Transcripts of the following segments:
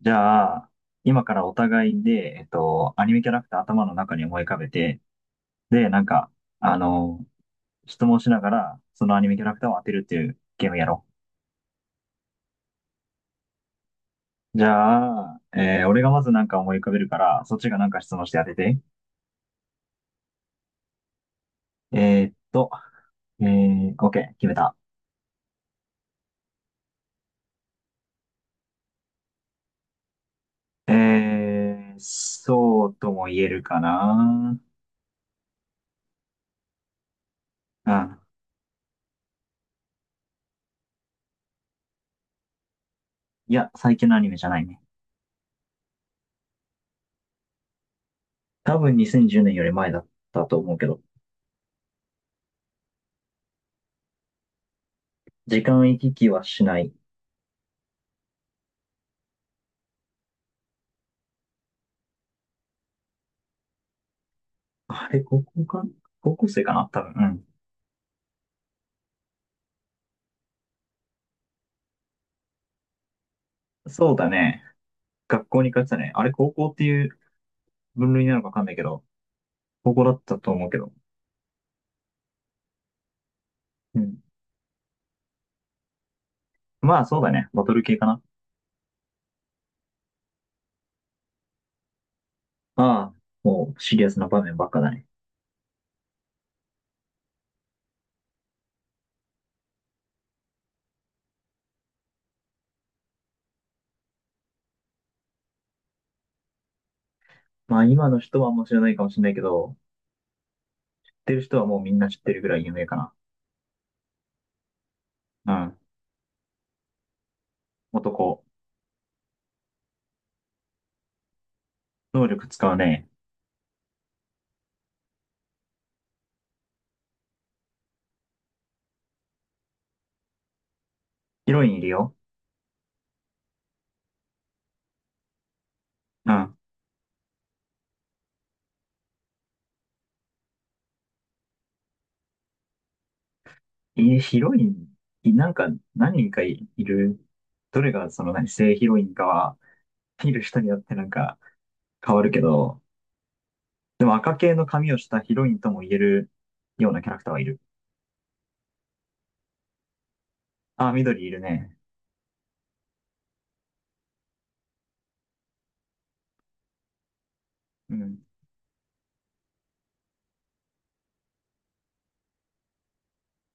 じゃあ、今からお互いで、アニメキャラクター頭の中に思い浮かべて、で、なんか、あの、質問しながら、そのアニメキャラクターを当てるっていうゲームやろう。じゃあ、俺がまずなんか思い浮かべるから、そっちがなんか質問して当てて。えーっと、OK、決めた。えー、そうとも言えるかな。うん。いや、最近のアニメじゃないね。多分2010年より前だったと思うけど、時間行き来はしない。あれ、高校か高校生かな多分。うん。そうだね。学校に通ってたね。あれ、高校っていう分類なのかわかんないけど、高校だったと思うけど。うん。まあ、そうだね。バトル系かな。ああ、もうシリアスな場面ばっかだね。まあ、今の人はもう知らないかもしれないけど、知ってる人はもうみんな知ってるぐらい有名かな。うん。男。能力使うね。ヒロインいるよ。うん。え、ヒロイン、いなんか何人かいる。どれがその何、正ヒロインかは、見る人によってなんか変わるけど、でも赤系の髪をしたヒロインとも言えるようなキャラクターはいる。あ、緑いるね。うん。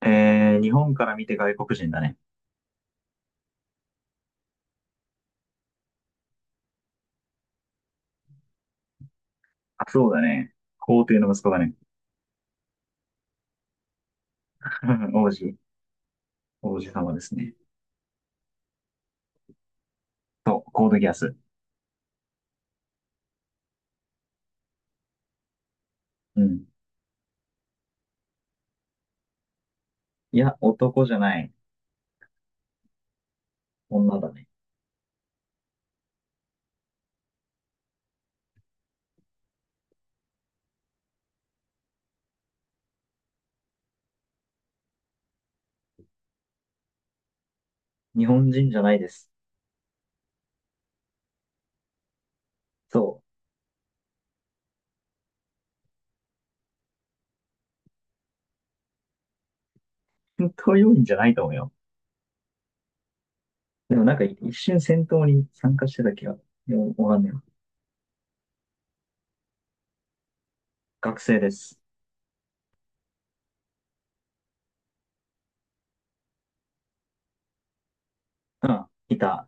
日本から見て外国人だね。あ、そうだね。皇帝の息子だね。王子、王子様ですね。そう、コードギアス。うん。いや、男じゃない。女だね。日本人じゃないです。そう。戦闘要員じゃないと思うよ。でもなんか一瞬戦闘に参加してた気が、いやわかんないわ。学生です。うん、いた。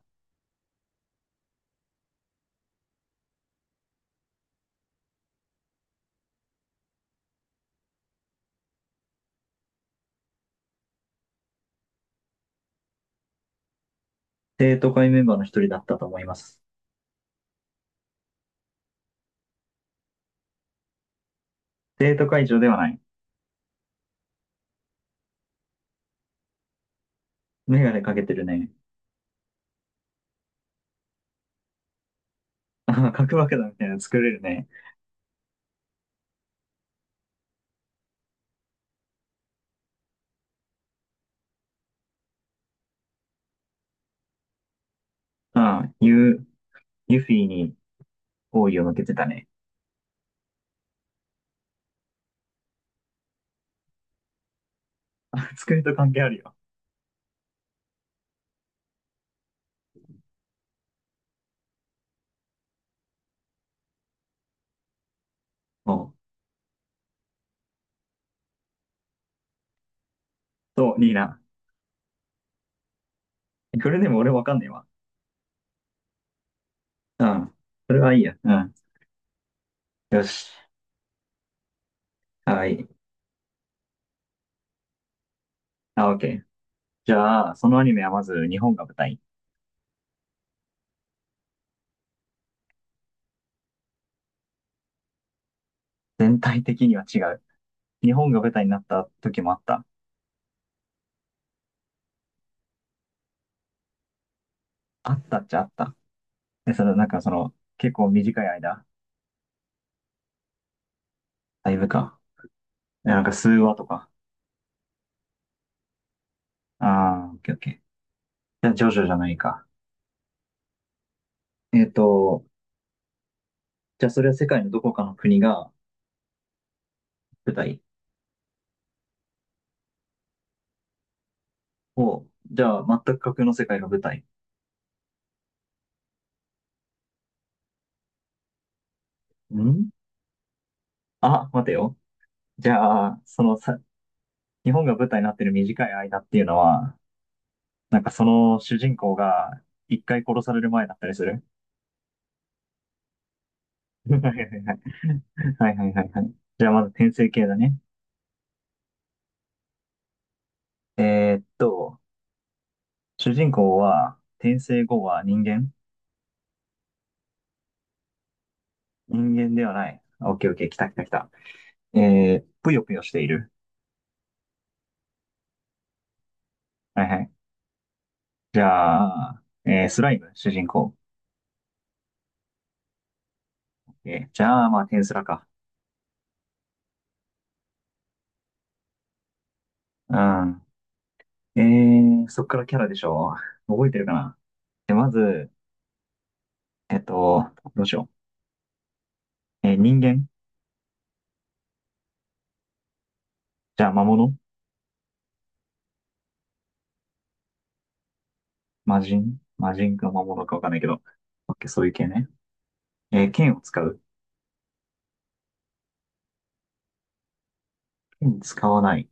生徒会メンバーの一人だったと思います。生徒会長ではない。メガネかけてるね。ああ、核爆弾みたいなの作れるね。ああ、ユ、ユフィに好意を向けてたね。あ、作りと関係あるよ。おう。そう、リーナ。これでも俺わかんねえわ。うん。それはいいや。うん。よし。はい。あ、オッケー。じゃあ、そのアニメはまず日本が舞台。全体的には違う。日本が舞台になった時もあった。あったっちゃあった。え、その、なんかその、結構短い間。だいぶか。えなんか数話とか。ああ、オッケーオッケー。じゃあ、ジョジョじゃないか。えっと、じゃあそれは世界のどこかの国が舞台を、じゃあ全く架空の世界が舞台。んあ、待てよ。じゃあ、そのさ、日本が舞台になってる短い間っていうのは、なんかその主人公が一回殺される前だったりする？ はいはいはいはい。じゃあまず転生系だね。えーっと、主人公は転生後は人間？人間ではない。あオッケーオッケー、来た来た来た。えー、ぷよぷよしている。はいはい。じゃあ、えースライム、主人公。え、じゃあ、まあ、テンスラか。うん。えー、そっからキャラでしょ。覚えてるかな。で、まず、どうしよう。えー人間？じゃあ、魔物？魔人か魔物かわかんないけど。オッケー、そういう系ね。えー剣を使う？剣使わない。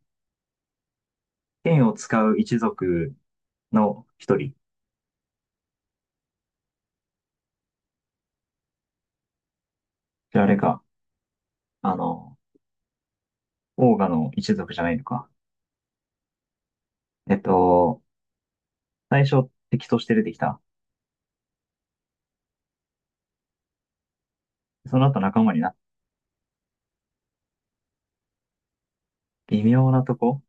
剣を使う一族の一人。じゃあ、あれか。あの、オーガの一族じゃないのか。えっと、最初敵として出てきた。その後仲間になった。微妙なとこ、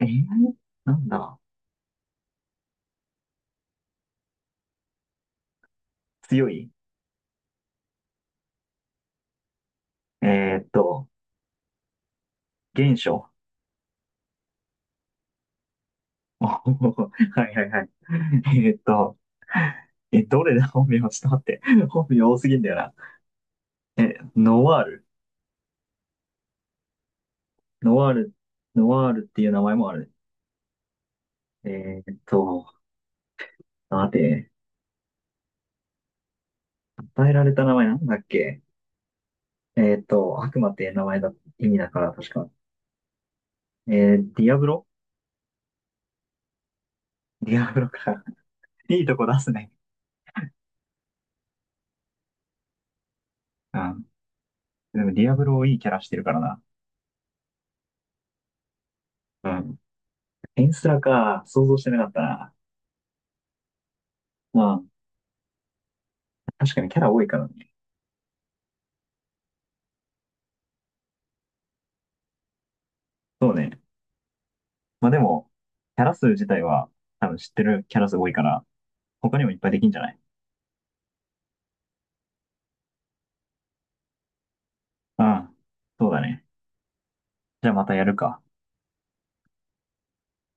えー、なんだ。強い？えーっと、原初。はいはいはい。えーっと、どれだ。 本名ちょっと待って。本名多すぎんだよな。え、ノワール。ノワール、ノワールっていう名前もあるね。えーっと、待て。与えられた名前なんだっけ？えーっと、悪魔って名前だ、意味だから、確か。えーディアブロ。ディアブロか。いいとこ出すね。うん。でもディアブロいいキャラしてるからな。うん。エンスラか。想像してなかったな。まあ、確かにキャラ多いからね。そうね。まあでも、キャラ数自体は、多分知ってるキャラ数多いから、他にもいっぱいできんじゃない？うん。そうだね。じゃあまたやるか。